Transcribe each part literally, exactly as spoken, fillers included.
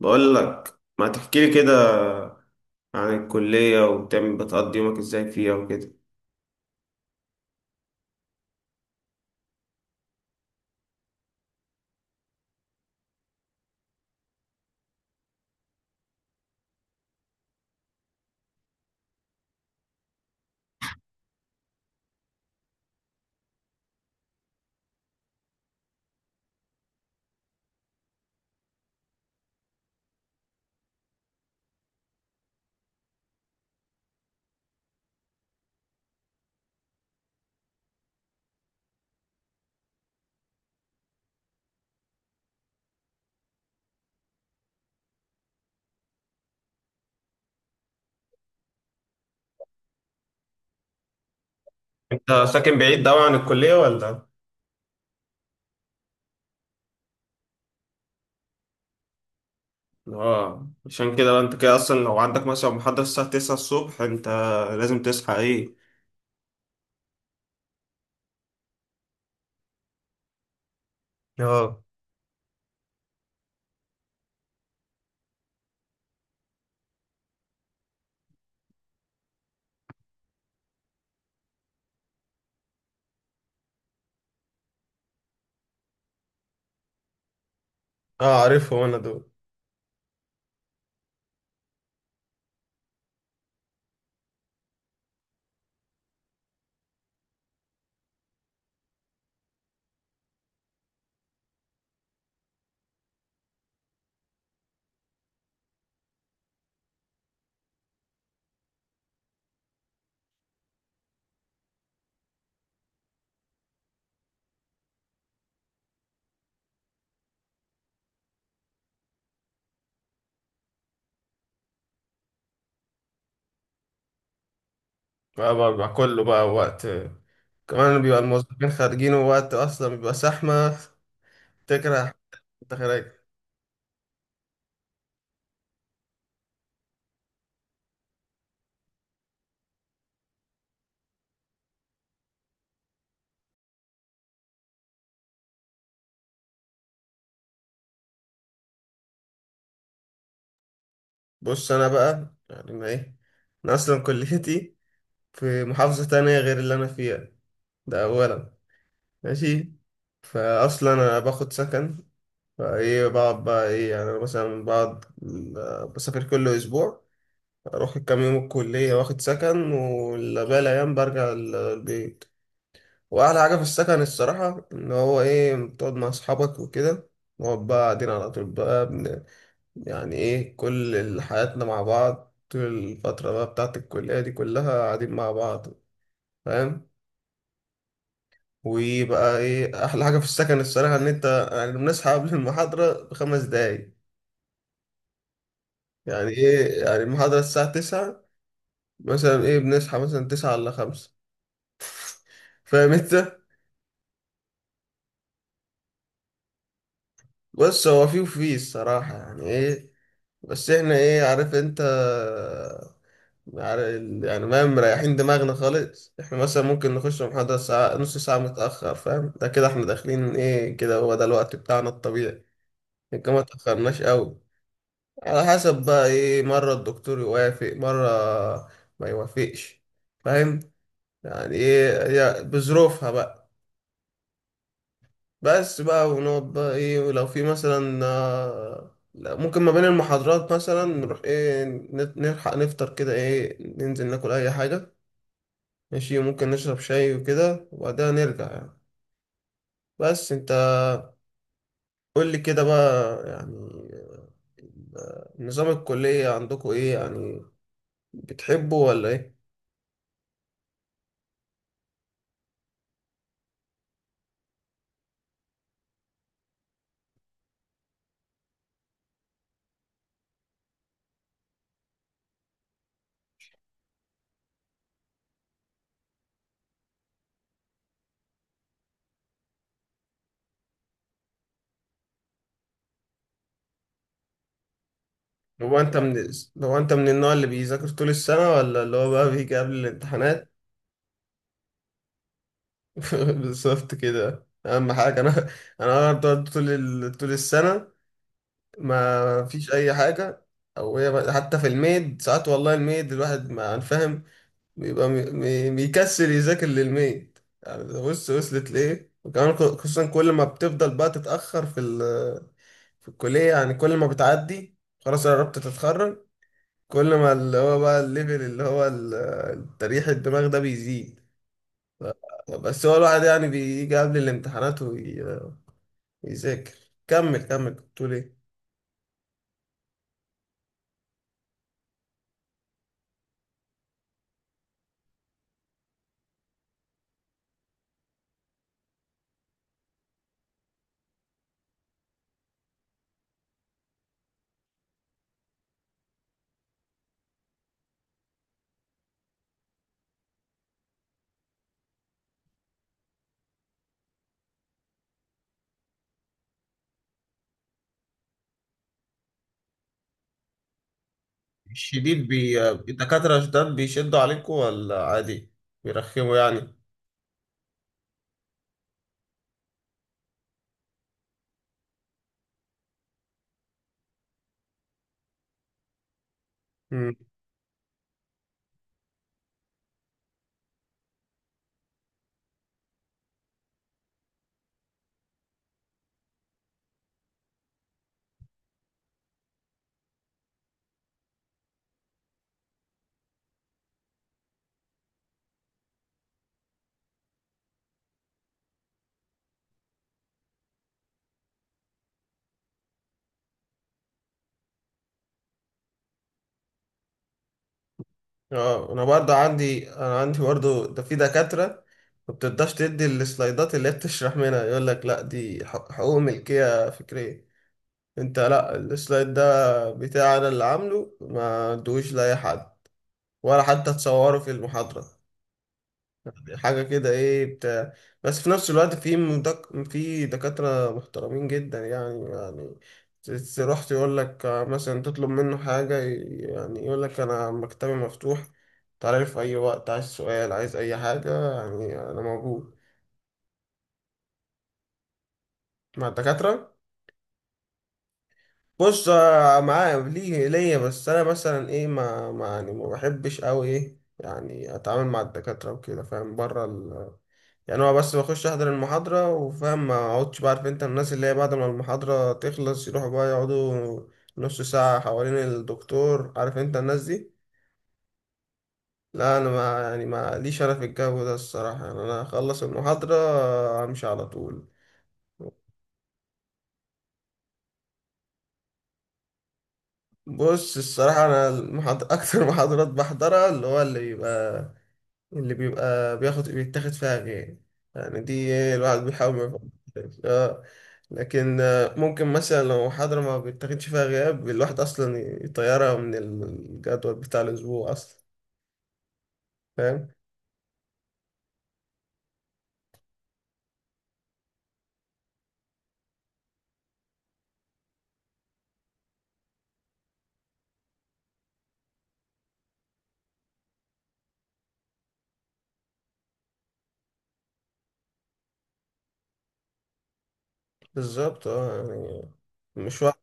بقول لك ما تحكي لي كده عن الكلية وبتعمل بتقضي يومك ازاي فيها وكده. انت ساكن بعيد قوي عن الكلية ولا؟ اه، عشان كده بقى انت كده اصلا لو عندك مثلا محاضرة الساعة تسعة الصبح انت لازم تصحى ايه؟ اه. اه، عارفهم انا دول. بقى, بقى, بقى كله بقى وقت، كمان بيبقى الموظفين خارجين، ووقت اصلا بيبقى زحمه. تكره. انت خارج. بص انا بقى، يعني انا ايه، انا اصلا كليتي في محافظة تانية غير اللي أنا فيها، ده أولا. ماشي. فأصلا أنا باخد سكن. فإيه بقعد بقى إيه، يعني أنا مثلا بقعد، بسافر كل أسبوع. أروح الكام يوم الكلية واخد سكن والباقي الأيام برجع ال- البيت. وأحلى حاجة في السكن الصراحة إن هو إيه بتقعد مع أصحابك وكده. نقعد بقى قاعدين على طول بقى بن- يعني إيه، كل ال- حياتنا مع بعض طول الفترة بقى بتاعت الكلية دي كلها قاعدين مع بعض. فاهم. ويبقى ايه احلى حاجه في السكن الصراحه، ان انت يعني بنصحى قبل المحاضره بخمس دقايق. يعني ايه، يعني المحاضره الساعه تسعة، مثلا ايه بنصحى مثلا تسعة الا خمسة. فاهم انت. بص هو فيه وفيه الصراحه، يعني ايه، بس احنا ايه، عارف انت، عارف- يعني ما مريحين دماغنا خالص، احنا مثلا ممكن نخش محاضرة ساعة نص ساعة متأخر، فاهم، ده كده احنا داخلين ايه كده، هو ده الوقت بتاعنا الطبيعي. لكن ما تأخرناش قوي. على حسب بقى ايه، مرة الدكتور يوافق مرة ما يوافقش. فاهم. يعني ايه، هي بظروفها بقى. بس بقى ونقعد بقى ايه، ولو في مثلا، آه، لا، ممكن ما بين المحاضرات مثلا نروح ايه نت- نلحق نفطر كده، ايه ننزل ناكل اي حاجة. ماشي، ممكن نشرب شاي وكده وبعدها نرجع يعني. بس انت قول لي كده بقى، يعني آه، نظام الكلية عندكم ايه يعني؟ بتحبه ولا ايه؟ هو انت من هو انت من النوع اللي بيذاكر طول السنة ولا اللي هو بقى بيجي قبل الامتحانات؟ بالظبط كده، اهم حاجة انا. انا بقعد طول ال... طول السنة، ما فيش اي حاجة. او هي حتى في الميد ساعات، والله الميد الواحد ما فاهم، بيبقى مي... مي... بيكسل يذاكر للميد، يعني ده بص وصلت لإيه، وكمان خصوصا كل ما بتفضل بقى تتأخر في ال... في الكلية يعني، كل ما بتعدي خلاص قربت تتخرج، كل ما اللي هو بقى الليفل اللي هو ال- تريح الدماغ ده بيزيد. بس هو الواحد يعني بيجي قبل الامتحانات وي- ويذاكر. كمل كمل، كنت بتقول ايه؟ الشديد بي... الدكاترة شداد، بيشدوا عليكم ولا عادي؟ بيرخموا يعني. مم. اه، انا برضه عندي انا عندي برضه ده في دكاترة ما بترضاش تدي السلايدات اللي هي بتشرح منها، يقول لك لا دي حق- حقوق ملكية فكرية. انت لا، السلايد ده بتاعي انا اللي عامله، ما ادوش لاي حد ولا حتى تصوروا في المحاضرة. يعني حاجة كده ايه بتاع. بس في نفس الوقت في مدك... في دكاترة محترمين جدا، يعني يعني ت- تروح تقول لك مثلا، تطلب منه حاجة يعني يقول لك أنا مكتبي مفتوح، تعالى لي في أي وقت، عايز سؤال عايز أي حاجة يعني أنا موجود. مع الدكاترة؟ بص آه، معايا ليه ليا بس، أنا مثلا ايه ما ما يعني ما بحبش أوي ايه، يعني أتعامل مع الدكاترة وكده فاهم بره، يعني هو بس بخش احضر المحاضرة وفاهم، ما اقعدش بقى، عارف انت الناس اللي هي بعد ما المحاضرة تخلص يروحوا بقى يقعدوا نص ساعة حوالين الدكتور، عارف انت الناس دي. لا، انا ما يعني ما ليش انا في الجو ده الصراحة، يعني انا اخلص المحاضرة امشي على طول. بص الصراحة انا المحاضرة اكتر محاضرات بحضرها اللي هو اللي بيبقى، اللي بيبقى بياخد بيتاخد فيها غير، يعني دي الواحد بيحاول ما يفكرش. اه. لكن آه، ممكن مثلا لو محاضرة ما بيتاخدش فيها غياب، الواحد أصلا يطيرها من الجدول بتاع الأسبوع أصلا، فاهم. بالظبط اه يعني، مش واحد.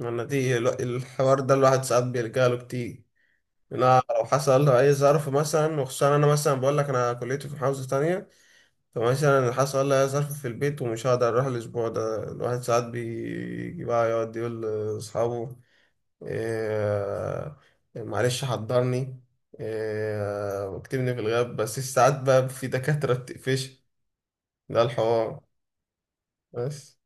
أنا دي الو- الحوار ده الواحد ساعات بيلجأ له كتير. أنا لو حصل له أي ظرف مثلا، وخصوصا أنا مثلا بقول لك أنا كليتي في محافظة تانية، طب مثلا اللي حصل لي ظرف في البيت ومش هقدر اروح الاسبوع ده، الواحد ساعات بيجي بقى يقعد يقول لاصحابه إيه، معلش حضرني إيه، واكتبني في الغياب. بس ساعات بقى في دكاترة بتقفش ده الحوار. بس.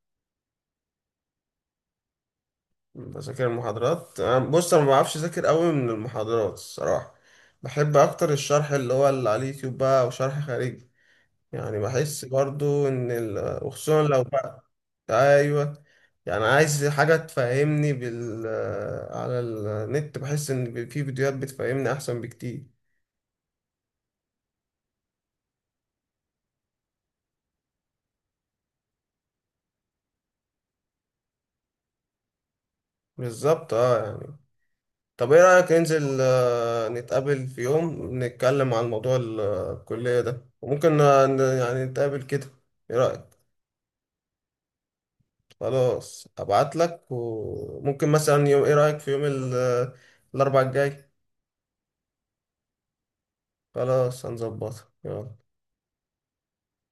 بذاكر المحاضرات أنا- بص انا ما بعرفش اذاكر قوي من المحاضرات الصراحة، بحب اكتر الشرح اللي هو اللي على اليوتيوب بقى وشرح خارجي. يعني بحس برضو ان ال... وخصوصا لو بقى ايوه، يعني عايز حاجه تفهمني بال على النت، بحس ان بي- في فيديوهات بتفهمني احسن بكتير. بالظبط اه يعني. طب ايه رايك ننزل آه، نتقابل في يوم نتكلم عن موضوع ال- الكليه ده، وممكن آه، ن- يعني نتقابل كده، ايه رايك؟ خلاص ابعت لك، وممكن مثلا يوم، ايه رايك في يوم ال- الاربعاء الجاي؟ خلاص هنظبطها يلا.